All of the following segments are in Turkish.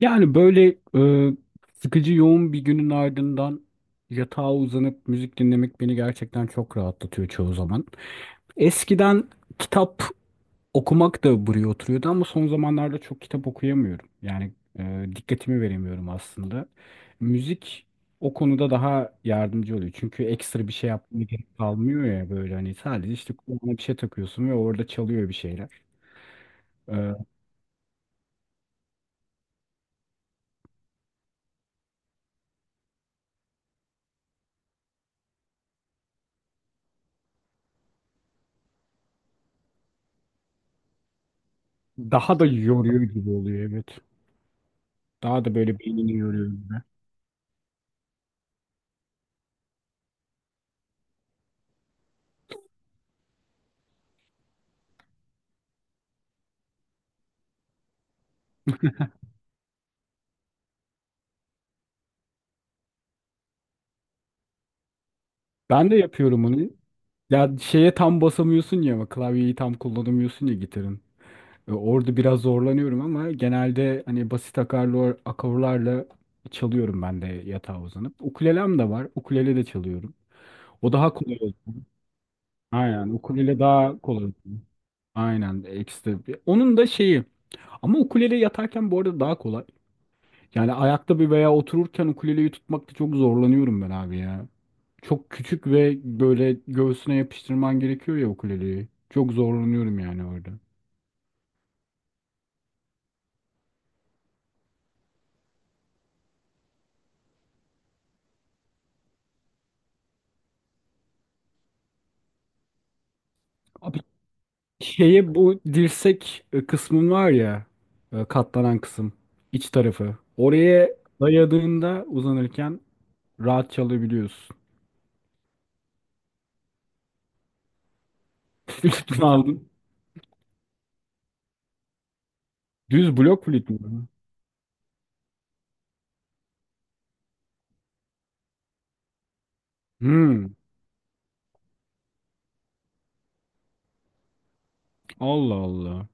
Yani böyle e, sıkıcı yoğun bir günün ardından yatağa uzanıp müzik dinlemek beni gerçekten çok rahatlatıyor çoğu zaman. Eskiden kitap okumak da buraya oturuyordu ama son zamanlarda çok kitap okuyamıyorum. Yani dikkatimi veremiyorum aslında. Müzik o konuda daha yardımcı oluyor. Çünkü ekstra bir şey yapmaya gerek kalmıyor ya, böyle hani sadece işte kulağına bir şey takıyorsun ve orada çalıyor bir şeyler. E, daha da yoruyor gibi oluyor, evet. Daha da böyle beynini yoruyor. Ben de yapıyorum onu. Ya şeye tam basamıyorsun ya, ama klavyeyi tam kullanamıyorsun ya gitarın. Orada biraz zorlanıyorum ama genelde hani basit akarlar, akorlarla çalıyorum ben de yatağa uzanıp. Ukulelem de var. Ukulele de çalıyorum. O daha kolay oldu. Aynen. Ukulele daha kolay oldu. Aynen. Ekstra. Onun da şeyi. Ama ukulele yatarken bu arada daha kolay. Yani ayakta bir veya otururken ukuleleyi tutmakta çok zorlanıyorum ben abi ya. Çok küçük ve böyle göğsüne yapıştırman gerekiyor ya ukuleleyi. Çok zorlanıyorum yani orada. Abi, şeye bu dirsek kısmın var ya, katlanan kısım, iç tarafı. Oraya dayadığında uzanırken rahat çalabiliyorsun. Flüt mü aldın? Düz blok flüt mü? Hmm. Allah Allah.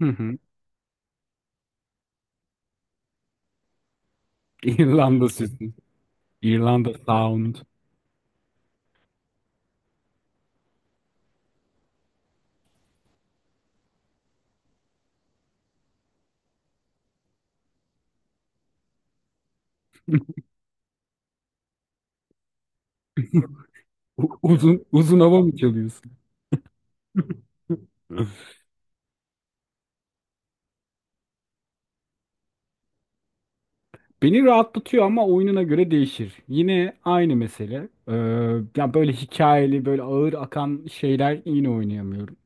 Hı hı. İrlanda sesi. İrlanda sound. Uzun uzun hava mı çalıyorsun? Beni rahatlatıyor ama oyununa göre değişir. Yine aynı mesele. Ya böyle hikayeli, böyle ağır akan şeyler yine oynayamıyorum.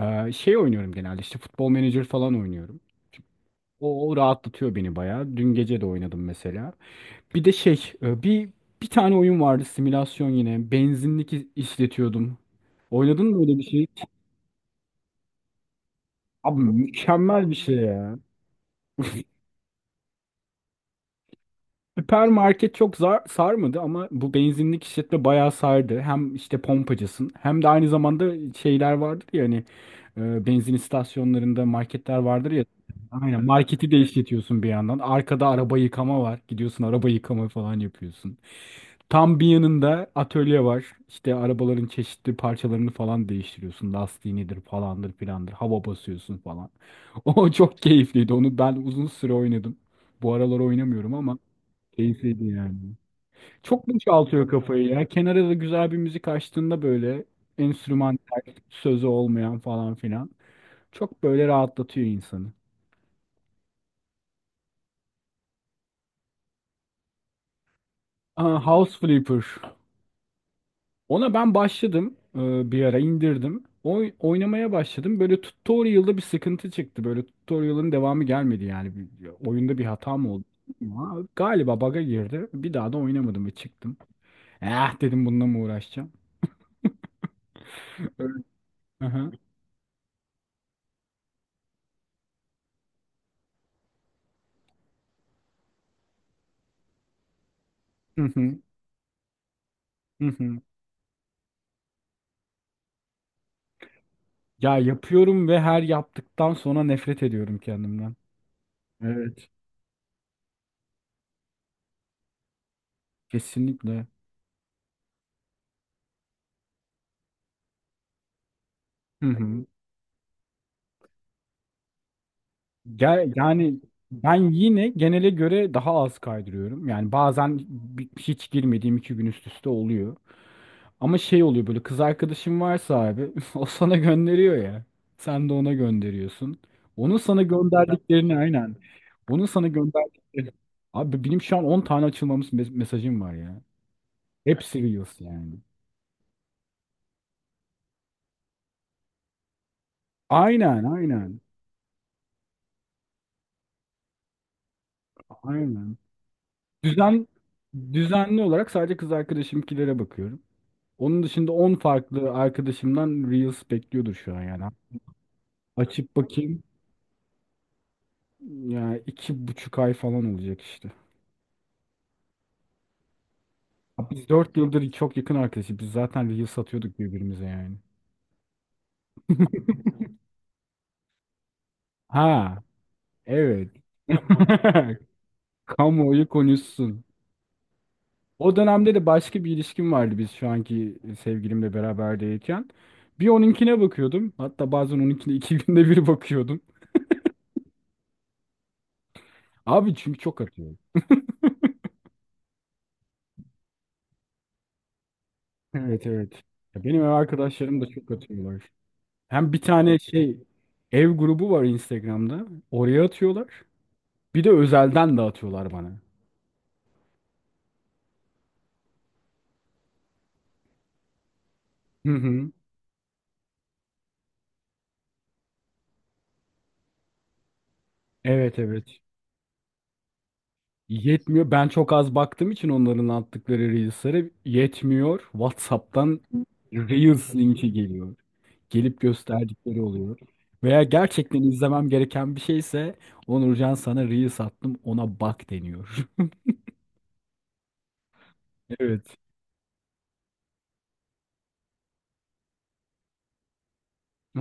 Şey oynuyorum genelde, işte futbol menajer falan oynuyorum. O, o rahatlatıyor beni bayağı. Dün gece de oynadım mesela. Bir de bir tane oyun vardı, simülasyon yine. Benzinlik işletiyordum. Oynadın mı öyle bir şey? Abi, mükemmel bir şey ya. Süpermarket çok zar sarmadı ama bu benzinlik işletme bayağı sardı. Hem işte pompacısın hem de aynı zamanda şeyler vardır ya hani, benzin istasyonlarında marketler vardır ya. Aynen, marketi de işletiyorsun bir yandan. Arkada araba yıkama var. Gidiyorsun, araba yıkama falan yapıyorsun. Tam bir yanında atölye var. İşte arabaların çeşitli parçalarını falan değiştiriyorsun. Lastiğinidir, falandır, filandır. Hava basıyorsun falan. O çok keyifliydi. Onu ben uzun süre oynadım. Bu aralar oynamıyorum ama. Keyifliydi yani. Çok boşaltıyor kafayı ya. Kenara da güzel bir müzik açtığında, böyle enstrümantal, sözü olmayan falan filan. Çok böyle rahatlatıyor insanı. Aa, House Flipper. Ona ben başladım. Bir ara indirdim. Oynamaya başladım. Böyle tutorial'da bir sıkıntı çıktı. Böyle tutorial'ın devamı gelmedi yani. Oyunda bir hata mı oldu? Ama galiba bug'a girdi. Bir daha da oynamadım ve çıktım. Eh dedim, bununla mı uğraşacağım? Hı hı. Hı hı. Hı hı. Ya yapıyorum ve her yaptıktan sonra nefret ediyorum kendimden. Evet. Kesinlikle. Hı hı. Gel, yani ben yine genele göre daha az kaydırıyorum. Yani bazen hiç girmediğim iki gün üst üste oluyor. Ama şey oluyor, böyle kız arkadaşım varsa abi, o sana gönderiyor ya. Sen de ona gönderiyorsun. Onun sana gönderdiklerini, aynen. Onun sana gönderdiklerini. Abi, benim şu an 10 tane açılmamış mesajım var ya. Hepsi Reels yani. Aynen, aynen. Aynen. Düzen düzenli olarak sadece kız arkadaşımkilere bakıyorum. Onun dışında 10 farklı arkadaşımdan Reels bekliyordur şu an yani. Açıp bakayım. Yani iki buçuk ay falan olacak işte. Biz dört yıldır çok yakın arkadaşız. Biz zaten Reels satıyorduk birbirimize yani. Ha, evet. Kamuoyu konuşsun. O dönemde de başka bir ilişkim vardı, biz şu anki sevgilimle beraber değilken. Bir onunkine bakıyordum. Hatta bazen onunkine iki günde bir bakıyordum. Abi, çünkü çok atıyor. Evet, evet. Ya benim ev arkadaşlarım da çok atıyorlar. Hem bir tane şey, ev grubu var Instagram'da. Oraya atıyorlar. Bir de özelden de atıyorlar bana. Hı hı. Evet, evet. Yetmiyor. Ben çok az baktığım için onların attıkları Reels'lere yetmiyor. WhatsApp'tan Reels linki geliyor. Gelip gösterdikleri oluyor. Veya gerçekten izlemem gereken bir şeyse, Onurcan sana Reels attım, ona bak deniyor. Evet.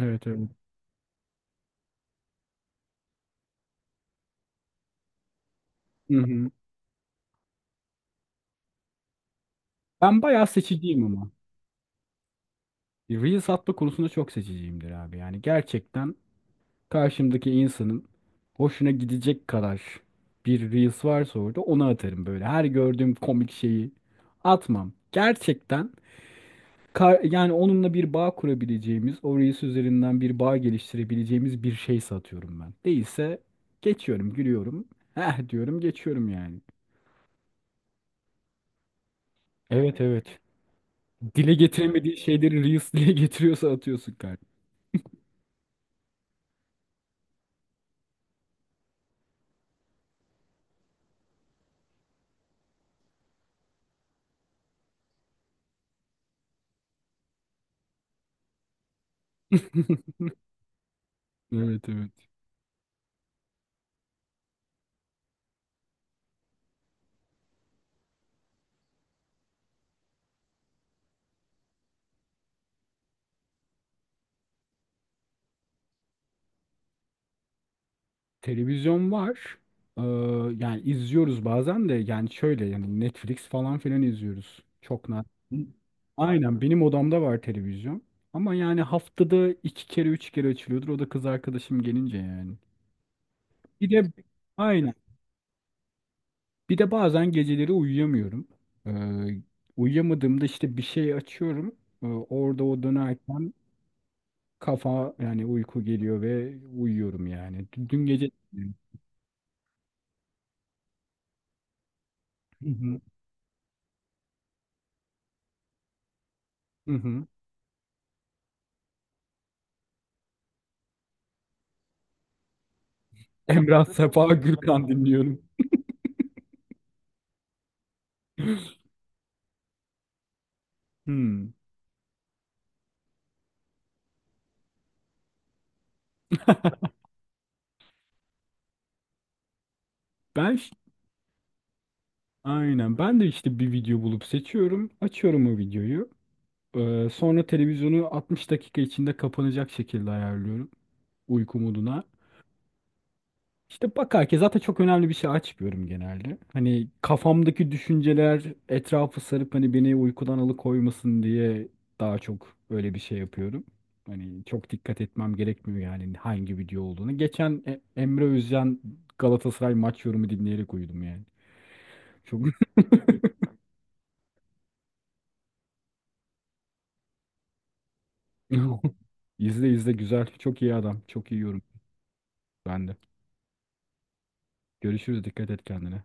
Evet, evet. Hı hı. Ben bayağı seçiciyim ama. Reels atma konusunda çok seçiciyimdir abi. Yani gerçekten karşımdaki insanın hoşuna gidecek kadar bir Reels varsa orada, onu atarım böyle. Her gördüğüm komik şeyi atmam. Gerçekten, yani onunla bir bağ kurabileceğimiz, o Reels üzerinden bir bağ geliştirebileceğimiz bir şey satıyorum ben. Değilse geçiyorum, gülüyorum. Heh diyorum, geçiyorum yani. Evet, evet. Dile getiremediği şeyleri Reels dile getiriyorsa, atıyorsun kardeşim. Evet, evet. Televizyon var. Ee, yani izliyoruz bazen de, yani şöyle yani Netflix falan filan izliyoruz. Çok nadir. Aynen, benim odamda var televizyon. Ama yani haftada iki kere üç kere açılıyordur. O da kız arkadaşım gelince yani. Bir de, aynen. Bir de bazen geceleri uyuyamıyorum. Ee, uyuyamadığımda işte bir şey açıyorum. Orada o dönerken kafa, yani uyku geliyor ve uyuyorum yani. Dün gece... Hı hı. Hı hı. Emrah Sefa Gürkan dinliyorum. Hmm. Ben ş- aynen, ben de işte bir video bulup seçiyorum. Açıyorum o videoyu. Sonra televizyonu 60 dakika içinde kapanacak şekilde ayarlıyorum, uyku moduna. İşte bakar ki zaten çok önemli bir şey açmıyorum genelde. Hani kafamdaki düşünceler etrafı sarıp hani beni uykudan alıkoymasın diye daha çok öyle bir şey yapıyorum. Hani çok dikkat etmem gerekmiyor yani hangi video olduğunu. Geçen Emre Özcan Galatasaray maç yorumu dinleyerek uyudum yani. Çok izle izle, güzel. Çok iyi adam. Çok iyi yorum. Ben de. Görüşürüz. Dikkat et kendine.